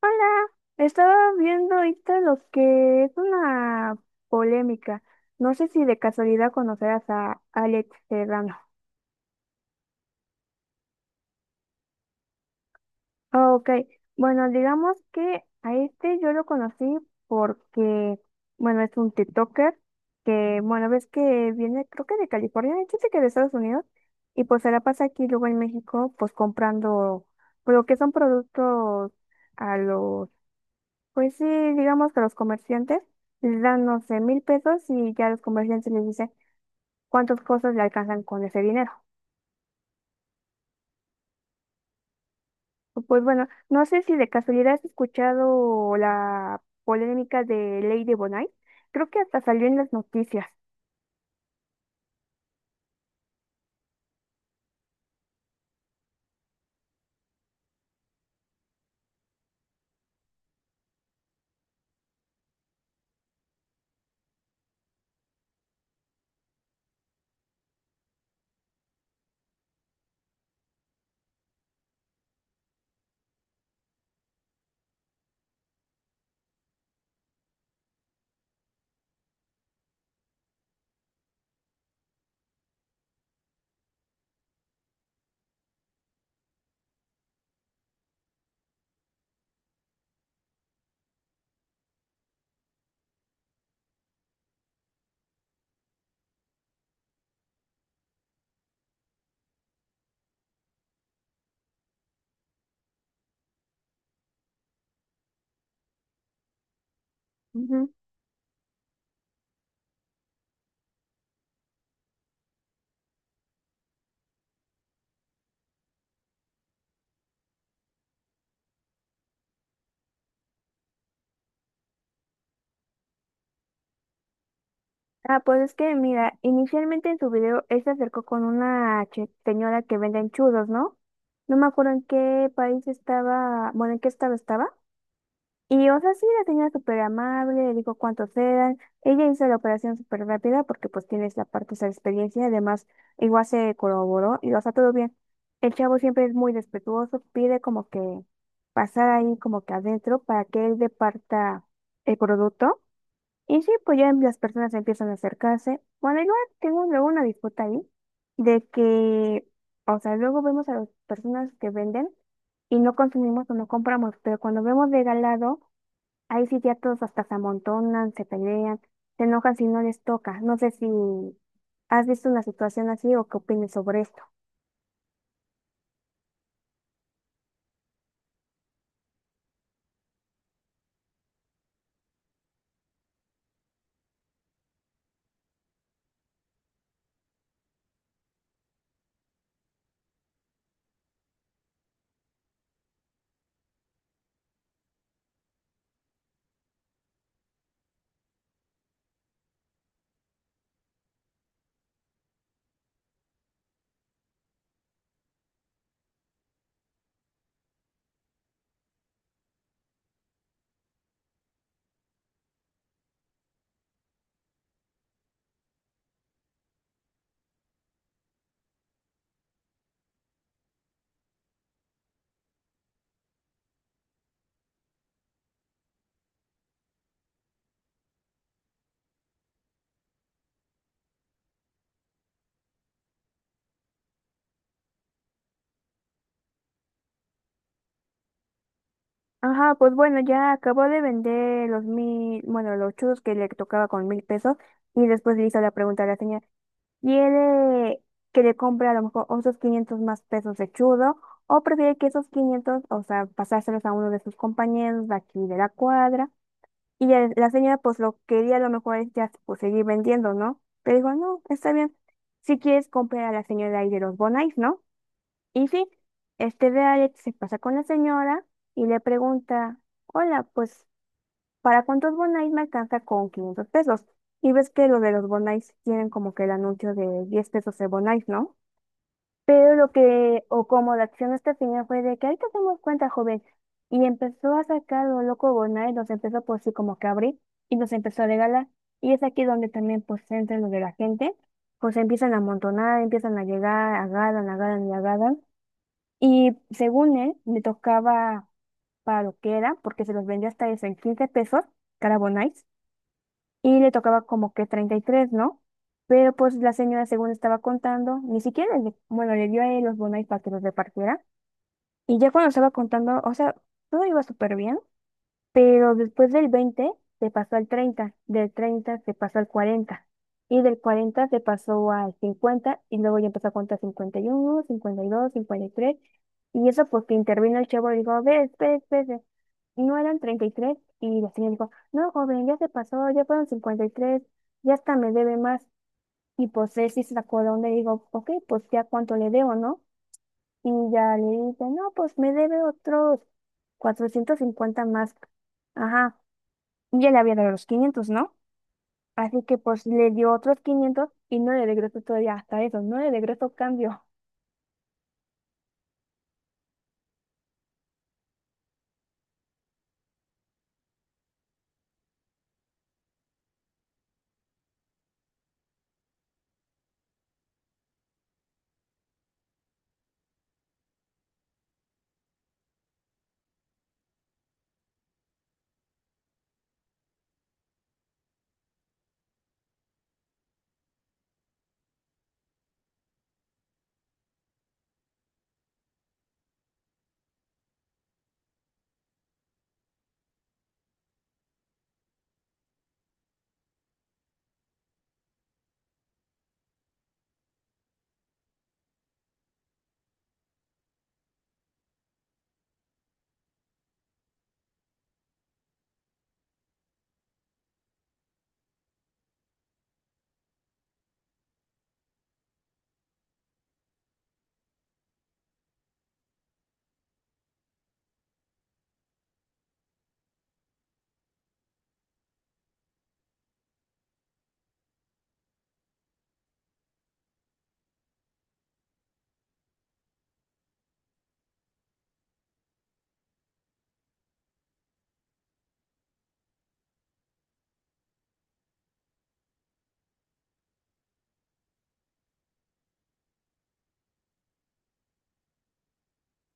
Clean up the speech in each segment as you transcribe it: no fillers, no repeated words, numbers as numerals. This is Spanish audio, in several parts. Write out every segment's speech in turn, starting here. Hola, estaba viendo ahorita lo que es una polémica. No sé si de casualidad conocerás a Alex Serrano. Ah, ok, bueno, digamos que a este yo lo conocí porque, bueno, es un TikToker que, bueno, ves que viene, creo que de California, de hecho sí que de Estados Unidos, y pues se la pasa aquí luego en México, pues comprando, pero que son productos a los. Pues sí, digamos que los comerciantes les dan, no sé, 1000 pesos y ya los comerciantes les dicen cuántas cosas le alcanzan con ese dinero. Pues bueno, no sé si de casualidad has escuchado la polémica de ley de Bonai. Creo que hasta salió en las noticias. Ujú. Ah, pues es que mira, inicialmente en su video él se acercó con una señora que vende enchudos, ¿no? No me acuerdo en qué país estaba, bueno, en qué estado estaba. Y, o sea, sí, la señora súper amable, le dijo cuántos eran. Ella hizo la operación súper rápida porque pues tienes la parte, esa experiencia. Además, igual se corroboró y, o sea, todo bien. El chavo siempre es muy respetuoso, pide como que pasar ahí como que adentro para que él departa el producto. Y sí, pues ya las personas empiezan a acercarse. Bueno, igual tengo luego una disputa ahí de que, o sea, luego vemos a las personas que venden y no consumimos o no compramos, pero cuando vemos regalado, ahí sí ya todos hasta se amontonan, se pelean, se enojan si no les toca. No sé si has visto una situación así o qué opinas sobre esto. Ajá, pues bueno, ya acabó de vender los 1000, bueno, los churros que le tocaba con 1000 pesos y después le hizo la pregunta a la señora, ¿quiere que le compre a lo mejor otros 500 más pesos de churro o prefiere que esos 500, o sea, pasárselos a uno de sus compañeros de aquí de la cuadra? Y ya la señora pues lo quería a lo mejor es ya pues seguir vendiendo, ¿no? Pero dijo, no, está bien. Si quieres comprar a la señora ahí de los Bonais, ¿no? Y sí, este de Alex se pasa con la señora y le pregunta, hola, pues, ¿para cuántos Bonais me alcanza con 500 pesos? Y ves que los de los Bonais tienen como que el anuncio de 10 pesos de Bonais, ¿no? Pero lo que, o como la acción hasta el final fue de que ahorita hacemos cuenta, joven. Y empezó a sacar lo loco Bonai, y los empezó por sí como que a abrir y nos empezó a regalar. Y es aquí donde también pues entra lo de la gente, pues empiezan a amontonar, empiezan a llegar, agarran, agarran y agarran. Y según él, me tocaba para lo que era, porque se los vendía hasta eso en 15 pesos cada Bonai y le tocaba como que 33, ¿no? Pero pues la señora, según estaba contando, ni siquiera, le, bueno, le dio a él los bonos para que los repartiera. Y ya cuando estaba contando, o sea, todo iba súper bien, pero después del 20 se pasó al 30, del 30 se pasó al 40 y del 40 se pasó al 50 y luego ya empezó a contar 51, 52, cincuenta y tres, y eso porque intervino el chavo y dijo, a ver, espere, espere, no eran 33 y la señora dijo, no, joven, ya se pasó, ya fueron 53, ya hasta me debe más. Y pues él sí se acordó y digo, ok, pues ya cuánto le debo, ¿no? Y ya le dice, no, pues me debe otros 450 más. Ajá, ya le había dado los 500, ¿no? Así que pues le dio otros 500 y no le regresó todavía, hasta eso no le regresó cambio.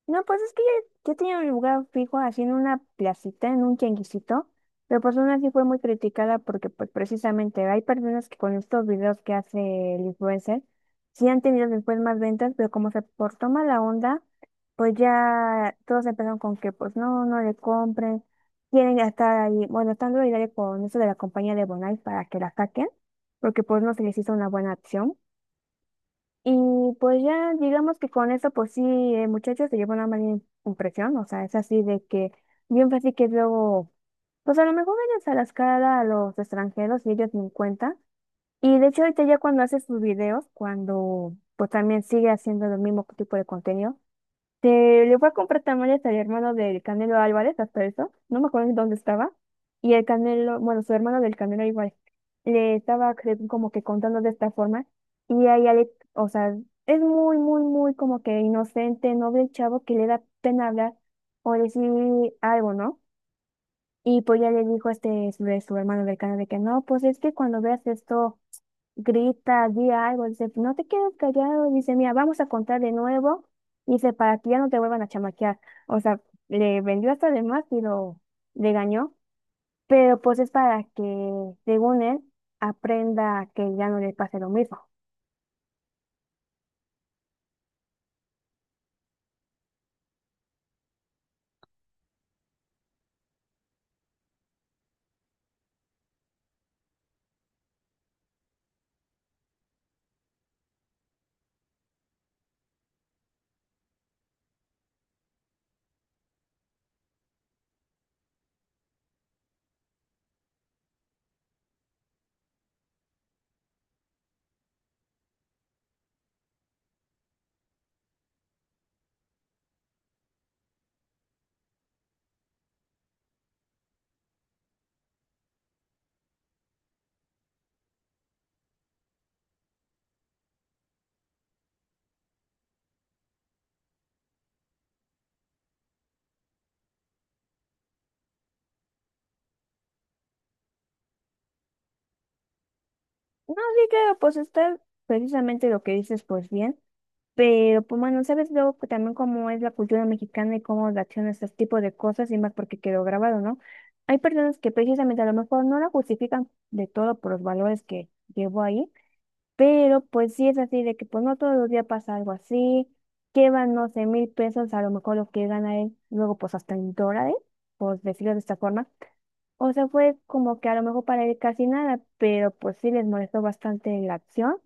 No, pues es que yo tenía un lugar fijo así en una placita, en un tianguisito, pero pues aún así fue muy criticada porque pues precisamente hay personas que con estos videos que hace el influencer sí han tenido después más ventas, pero como se portó mala onda, pues ya todos empezaron con que pues no, no le compren, quieren estar ahí, bueno, están duro con eso de la compañía de Bonai para que la saquen, porque pues no se les hizo una buena acción. Y pues ya digamos que con eso, pues sí, el muchacho se llevó una mala impresión, o sea, es así de que bien fácil que luego, pues a lo mejor ellos a las cara a los extranjeros y ellos ni en cuenta. Y de hecho ahorita ya cuando hace sus videos, cuando pues también sigue haciendo el mismo tipo de contenido, te le fue a comprar tamales al hermano del Canelo Álvarez, hasta eso, no me acuerdo en dónde estaba, y el Canelo, bueno, su hermano del Canelo Álvarez, le estaba como que contando de esta forma, y ahí Alex, o sea, es muy, muy, muy como que inocente, noble el chavo que le da pena hablar o decir algo, ¿no? Y pues ya le dijo este, su hermano del Canelo de que no, pues es que cuando veas esto grita, di algo, dice, no te quedes callado, dice, mira, vamos a contar de nuevo, dice, para que ya no te vuelvan a chamaquear. O sea, le vendió hasta de más y lo regañó, pero pues es para que, según él, aprenda que ya no le pase lo mismo. No, sí, claro, pues está precisamente lo que dices, pues bien. Pero, pues bueno, sabes luego que también cómo es la cultura mexicana y cómo reacciona a este tipo de cosas y más porque quedó grabado, ¿no? Hay personas que precisamente a lo mejor no la justifican de todo por los valores que llevó ahí, pero pues sí es así de que pues no todos los días pasa algo así, llevan, no sé, 1000 pesos, a lo mejor lo que gana él, luego pues hasta en dólares, por decirlo de esta forma. O sea, fue como que a lo mejor para él casi nada, pero pues sí les molestó bastante la acción.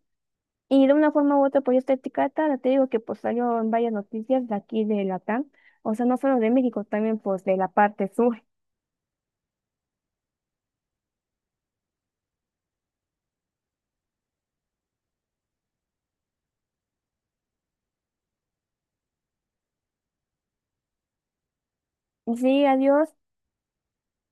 Y de una forma u otra, pues esta etiqueta, te digo que pues salió en varias noticias de aquí de Latam, o sea, no solo de México, también pues de la parte sur. Sí, adiós.